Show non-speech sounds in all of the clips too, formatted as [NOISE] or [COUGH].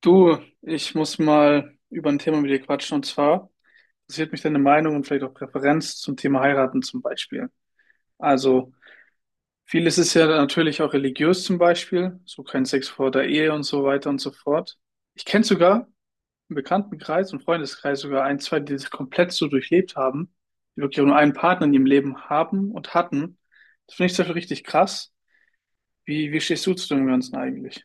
Du, ich muss mal über ein Thema mit dir quatschen und zwar interessiert mich deine Meinung und vielleicht auch Präferenz zum Thema Heiraten zum Beispiel. Also vieles ist ja natürlich auch religiös zum Beispiel, so kein Sex vor der Ehe und so weiter und so fort. Ich kenne sogar im Bekanntenkreis und Freundeskreis sogar ein, zwei, die das komplett so durchlebt haben, die wirklich auch nur einen Partner in ihrem Leben haben und hatten. Das finde ich zum Beispiel richtig krass. Wie stehst du zu dem Ganzen eigentlich?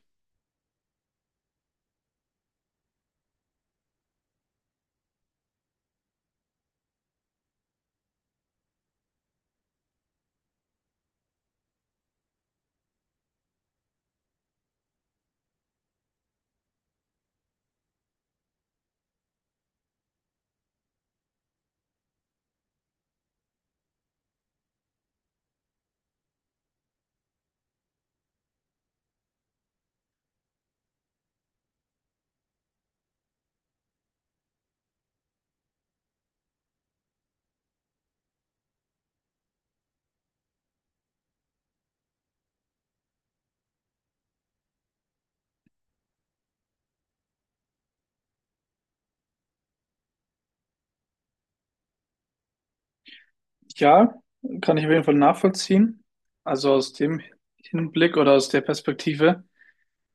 Ja, kann ich auf jeden Fall nachvollziehen. Also aus dem Hinblick oder aus der Perspektive.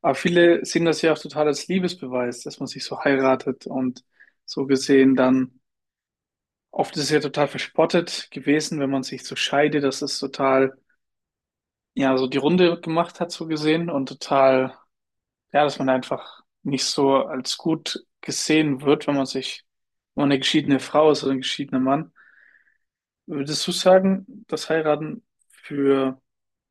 Aber viele sehen das ja auch total als Liebesbeweis, dass man sich so heiratet und so gesehen dann oft ist es ja total verspottet gewesen, wenn man sich so scheidet, dass es total, ja, so die Runde gemacht hat, so gesehen und total, ja, dass man einfach nicht so als gut gesehen wird, wenn man sich, wenn man eine geschiedene Frau ist oder ein geschiedener Mann. Würdest du sagen, dass Heiraten für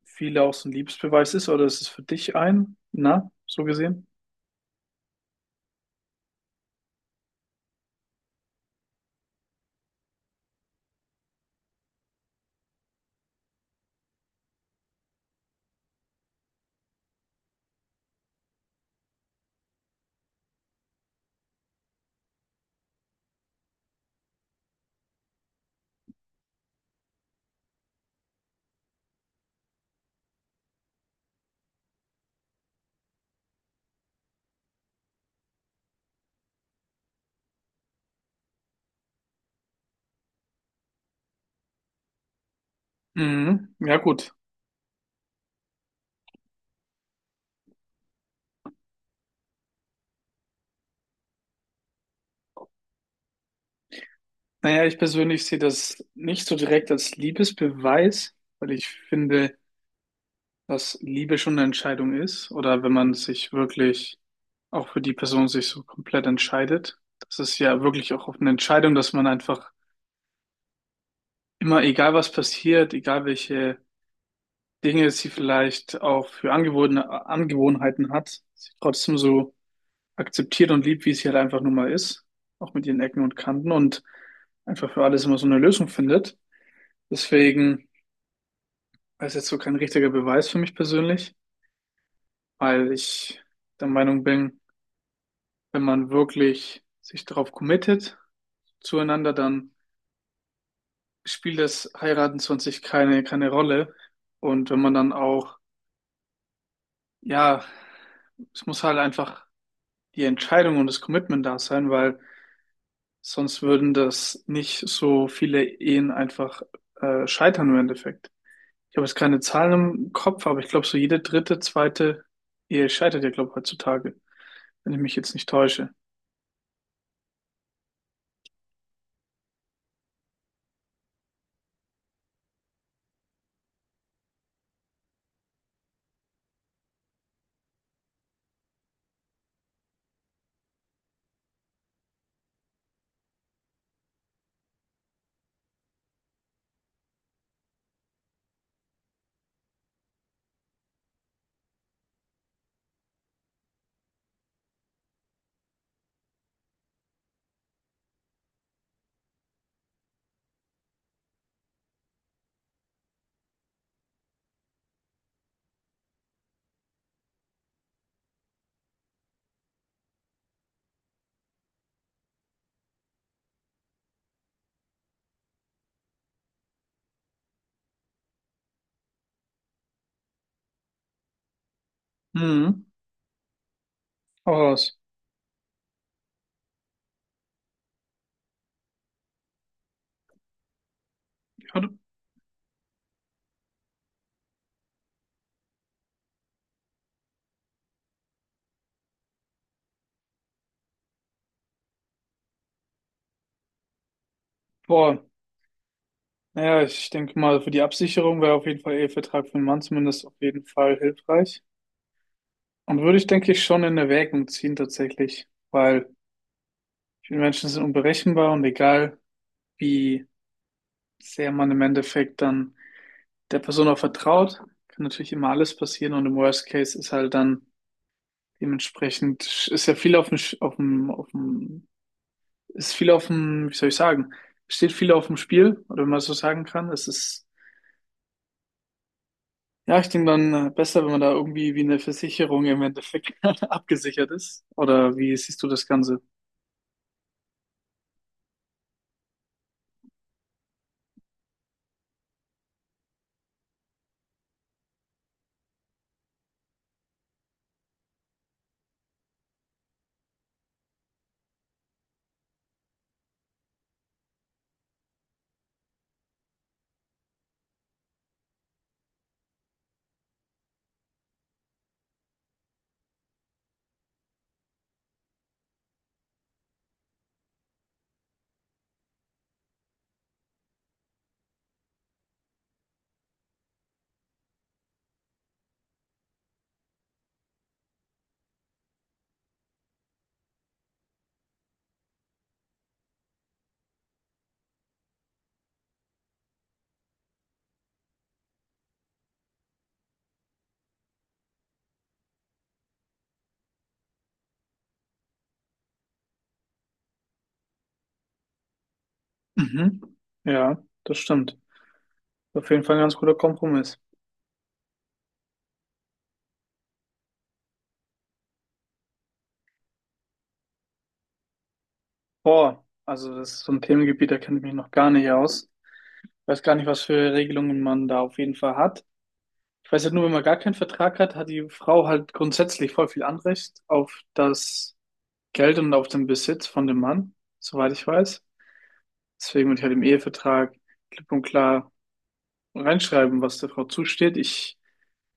viele auch so ein Liebesbeweis ist oder ist es für dich ein? Na, so gesehen? Mhm. Ja, gut. Naja, ich persönlich sehe das nicht so direkt als Liebesbeweis, weil ich finde, dass Liebe schon eine Entscheidung ist oder wenn man sich wirklich auch für die Person sich so komplett entscheidet. Das ist ja wirklich auch eine Entscheidung, dass man einfach immer, egal was passiert, egal welche Dinge sie vielleicht auch für Angewohnheiten hat, sie trotzdem so akzeptiert und liebt, wie es hier halt einfach nur mal ist, auch mit ihren Ecken und Kanten und einfach für alles immer so eine Lösung findet. Deswegen ist jetzt so kein richtiger Beweis für mich persönlich, weil ich der Meinung bin, wenn man wirklich sich darauf committet zueinander, dann spielt das Heiraten 20 keine Rolle. Und wenn man dann auch, ja, es muss halt einfach die Entscheidung und das Commitment da sein, weil sonst würden das nicht so viele Ehen einfach scheitern im Endeffekt. Ich habe jetzt keine Zahlen im Kopf, aber ich glaube, so jede dritte, zweite Ehe scheitert ja, glaube ich, heutzutage, wenn ich mich jetzt nicht täusche. Mhm. Hau raus. Ja, boah, naja, ich denke mal, für die Absicherung wäre auf jeden Fall Ehevertrag für den Mann zumindest auf jeden Fall hilfreich. Und würde ich, denke ich, schon in Erwägung ziehen tatsächlich, weil viele Menschen sind unberechenbar und egal, wie sehr man im Endeffekt dann der Person auch vertraut, kann natürlich immer alles passieren und im Worst Case ist halt dann dementsprechend, ist ja viel auf dem, ist viel auf dem, wie soll ich sagen, steht viel auf dem Spiel, oder wenn man so sagen kann. Es ist, ja, ich denke dann besser, wenn man da irgendwie wie eine Versicherung im Endeffekt [LAUGHS] abgesichert ist. Oder wie siehst du das Ganze? Mhm. Ja, das stimmt. Auf jeden Fall ein ganz guter Kompromiss. Boah, also das ist so ein Themengebiet, da kenne ich mich noch gar nicht aus. Weiß gar nicht, was für Regelungen man da auf jeden Fall hat. Ich weiß halt nur, wenn man gar keinen Vertrag hat, hat die Frau halt grundsätzlich voll viel Anrecht auf das Geld und auf den Besitz von dem Mann, soweit ich weiß. Deswegen würde ich halt im Ehevertrag klipp und klar reinschreiben, was der Frau zusteht. Ich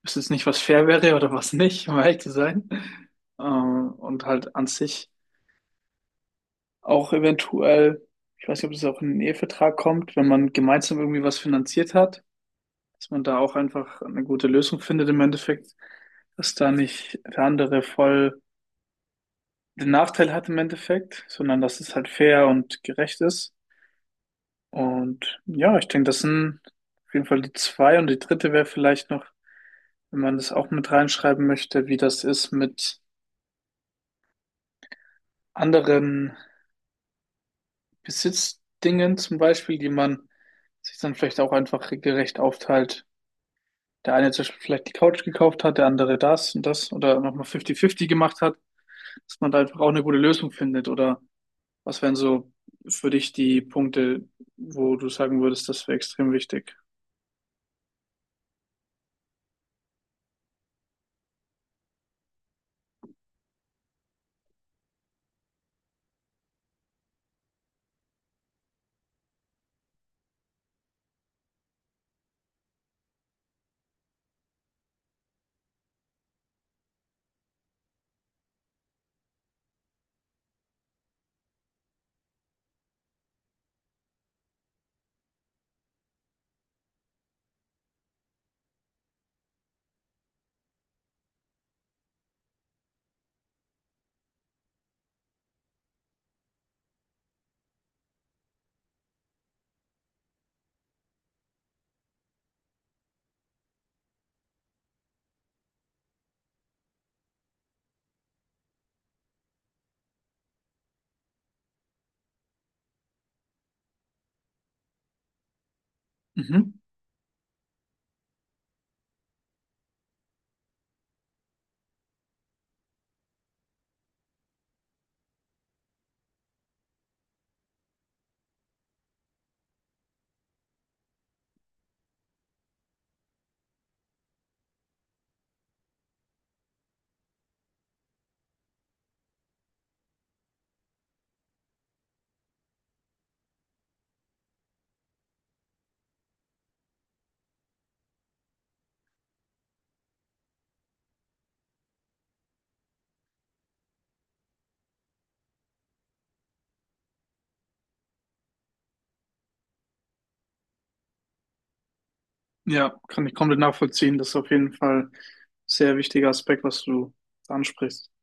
wüsste jetzt nicht, was fair wäre oder was nicht, um ehrlich zu sein. Und halt an sich auch eventuell, ich weiß nicht, ob das auch in den Ehevertrag kommt, wenn man gemeinsam irgendwie was finanziert hat, dass man da auch einfach eine gute Lösung findet im Endeffekt, dass da nicht der andere voll den Nachteil hat im Endeffekt, sondern dass es halt fair und gerecht ist. Und ja, ich denke, das sind auf jeden Fall die zwei. Und die dritte wäre vielleicht noch, wenn man das auch mit reinschreiben möchte, wie das ist mit anderen Besitzdingen zum Beispiel, die man sich dann vielleicht auch einfach gerecht aufteilt. Der eine zum Beispiel vielleicht die Couch gekauft hat, der andere das und das oder nochmal 50-50 gemacht hat, dass man da einfach auch eine gute Lösung findet oder was wären so für dich die Punkte, wo du sagen würdest, das wäre extrem wichtig? Mhm. Ja, kann ich komplett nachvollziehen. Das ist auf jeden Fall ein sehr wichtiger Aspekt, was du ansprichst.